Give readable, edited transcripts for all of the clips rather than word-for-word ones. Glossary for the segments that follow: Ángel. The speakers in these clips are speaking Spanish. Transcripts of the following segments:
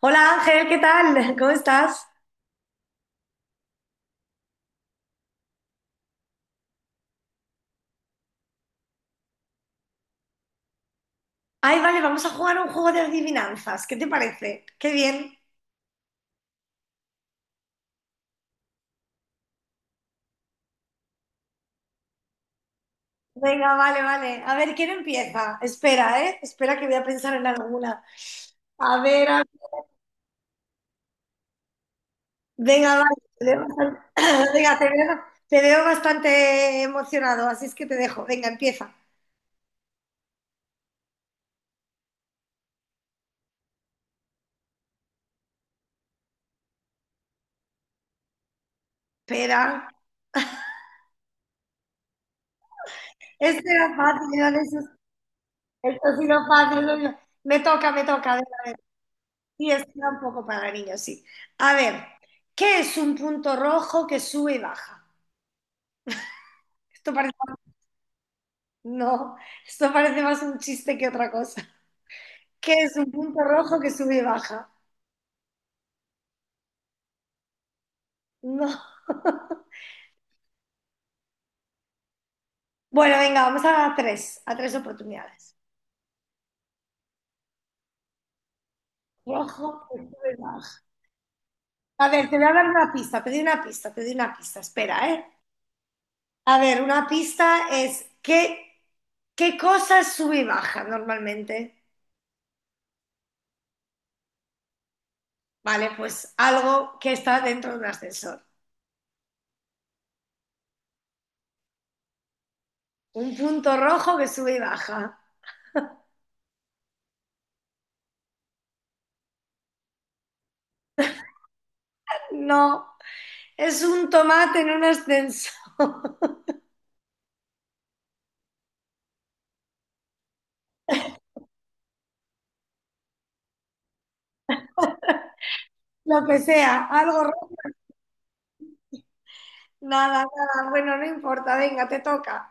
Hola Ángel, ¿qué tal? ¿Cómo estás? Ay, vale, vamos a jugar un juego de adivinanzas. ¿Qué te parece? Qué bien. Venga, vale. A ver, ¿quién empieza? Espera, ¿eh? Espera que voy a pensar en alguna. A ver, venga, vale. Te veo bastante... Venga, te veo bastante emocionado, así es que te dejo. Venga, empieza. Espera. Este era fácil, esto ha sido fácil. Venga. Me toca. Venga. Sí, es un poco para niños, sí. A ver, ¿qué es un punto rojo que sube y baja? Esto parece, no, esto parece más un chiste que otra cosa. ¿Qué es un punto rojo que sube y baja? No. Bueno, venga, a tres oportunidades. Rojo que sube y baja. A ver, te voy a dar una pista, te doy una pista, espera, ¿eh? A ver, una pista es qué, qué cosa sube y baja normalmente. Vale, pues algo que está dentro de un ascensor. Un punto rojo que sube y baja. No, es un tomate en un ascensor. Lo que sea, algo rojo. Nada, nada, bueno, no importa, venga, te toca.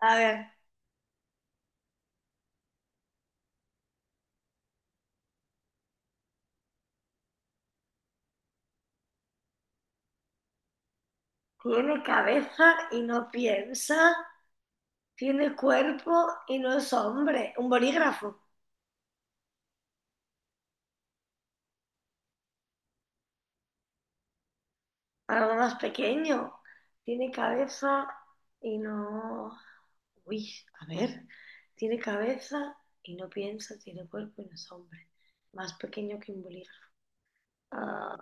A ver, tiene cabeza y no piensa, tiene cuerpo y no es hombre. Un bolígrafo, algo más pequeño. Tiene cabeza y no... Uy, a ver, tiene cabeza y no piensa, tiene cuerpo y no es hombre. Más pequeño que un bolígrafo. Ah,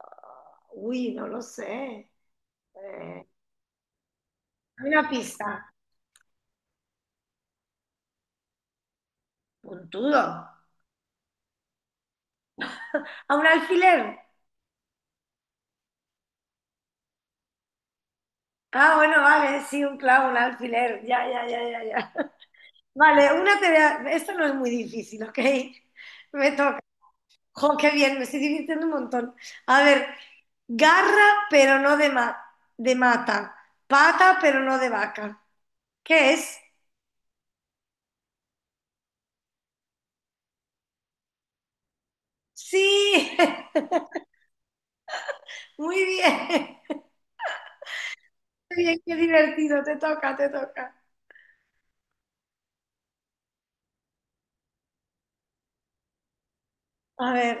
uy, no lo sé. Eh, una pista. Puntudo. A un alfiler. Ah, bueno, vale, sí, un clavo, un alfiler. Ya. Vale, una te esto no es muy difícil, ¿ok? Me toca. Jo, qué bien, me estoy divirtiendo un montón. A ver, garra, pero no de, ma- de mata. Pata, pero no de vaca. ¿Qué es? Sí, muy bien. Qué bien, qué divertido. Te toca. A ver,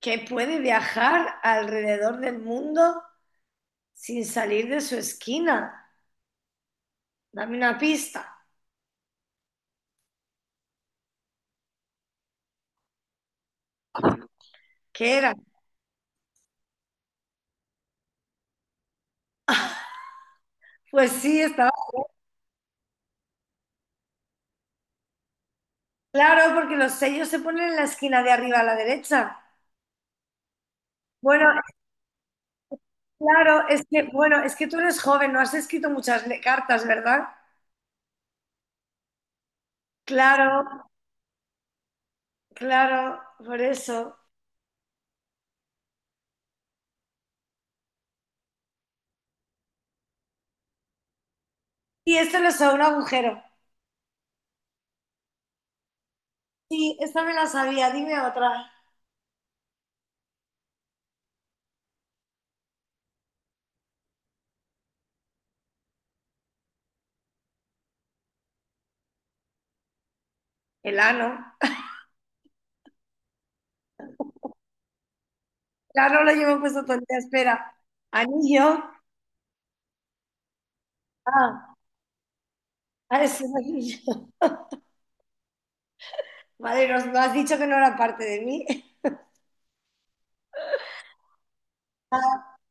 que puede viajar alrededor del mundo sin salir de su esquina. Dame una pista. ¿Qué era? Pues sí, estaba claro, porque los sellos se ponen en la esquina de arriba a la derecha. Bueno, bueno, es que tú eres joven, no has escrito cartas, ¿verdad? Claro, claro, por eso. Y esto lo sabe un agujero. Sí, esta me la sabía, dime otra. El ano. El ano lo llevo puesto todo el día, espera. Anillo. Ah, es un anillo. Vale, no has dicho que no era parte de mí.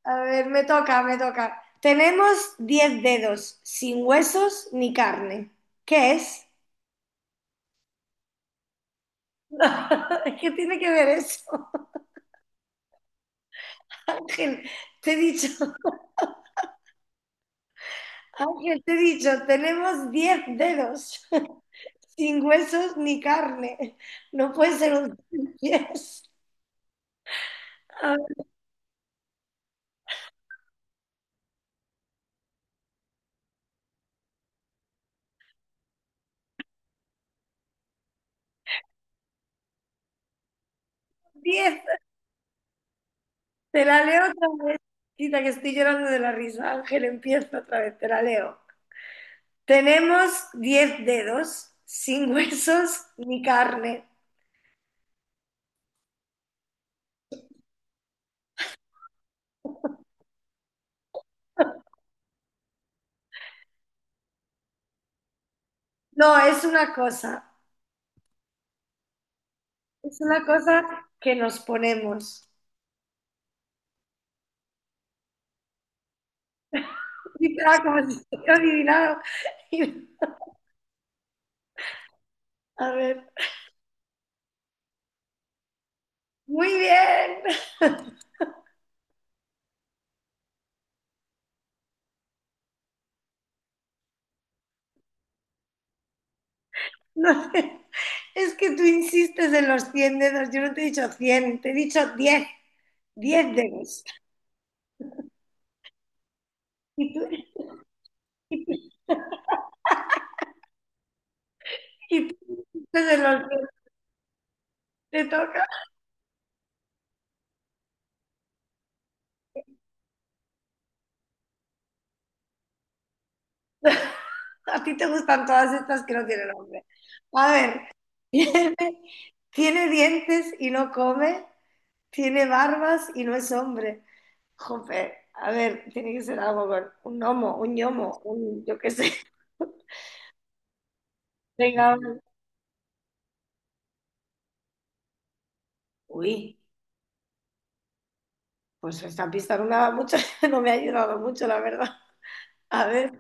A ver, me toca. Tenemos 10 dedos, sin huesos ni carne. ¿Qué es? ¿Qué tiene que ver eso? Ángel, te he dicho, Ángel, te he dicho, tenemos 10 dedos, sin huesos ni carne. No puede ser un 10. A ver, diez. Te la leo otra vez. Quita que estoy llorando de la risa. Ángel, empieza otra vez, te la leo. Tenemos 10 dedos, sin huesos ni carne. No, es una cosa que nos ponemos. Y claro, como si estuviera adivinado. Y- a ver, muy bien. No sé, es que tú insistes en los 100 dedos. Yo no te he dicho 100. Te he dicho 10, 10 dedos. Y tú, y tú insistes en los diez. Te toca. A ti te gustan todas estas que no tienen nombre. A ver, tiene, tiene dientes y no come, tiene barbas y no es hombre. Jope, a ver, tiene que ser algo con un gnomo, un yo qué sé. Venga, vale. Uy, pues esta pista no me ha dado mucho, no me ha ayudado mucho, la verdad. A ver,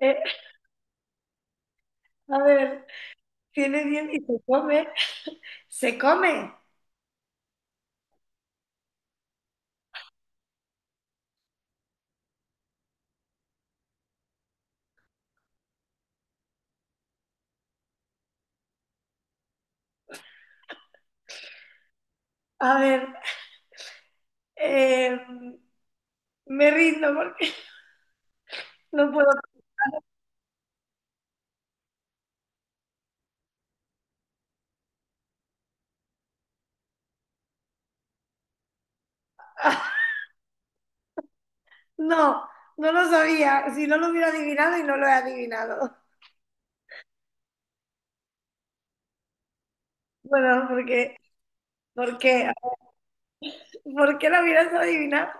eh, a ver, tiene diez y se come. A ver, eh, me rindo porque no puedo. No, no lo sabía. Si no lo hubiera adivinado y no lo he adivinado. Bueno, porque, ¿Por qué, porque lo hubieras adivinado.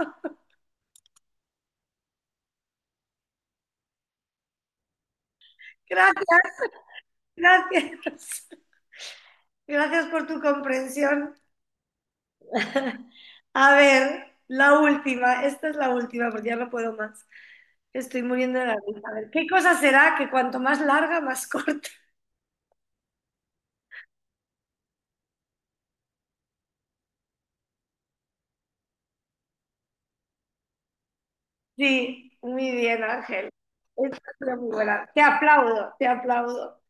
Gracias, gracias. Gracias por tu comprensión. A ver, la última. Esta es la última porque ya no puedo más. Estoy muriendo de la risa. A ver, ¿qué cosa será que cuanto más larga, más corta? Sí, muy bien, Ángel. Esta es una muy buena. Te aplaudo.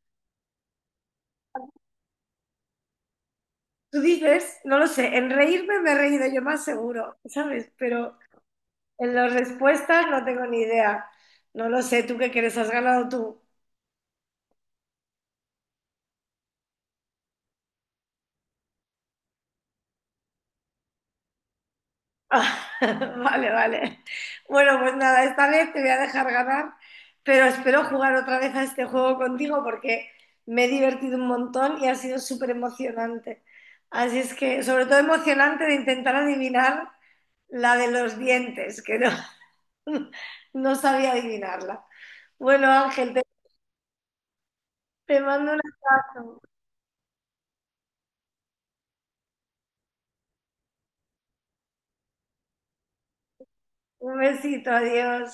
Tú dices, no lo sé, en reírme me he reído yo más seguro, ¿sabes? Pero en las respuestas no tengo ni idea. No lo sé, ¿tú qué crees? ¿Has ganado tú? Ah, Vale. Bueno, pues nada, esta vez te voy a dejar ganar, pero espero jugar otra vez a este juego contigo porque me he divertido un montón y ha sido súper emocionante. Así es que, sobre todo emocionante de intentar adivinar la de los dientes, que no, no sabía adivinarla. Bueno, Ángel, te mando una- un besito, adiós.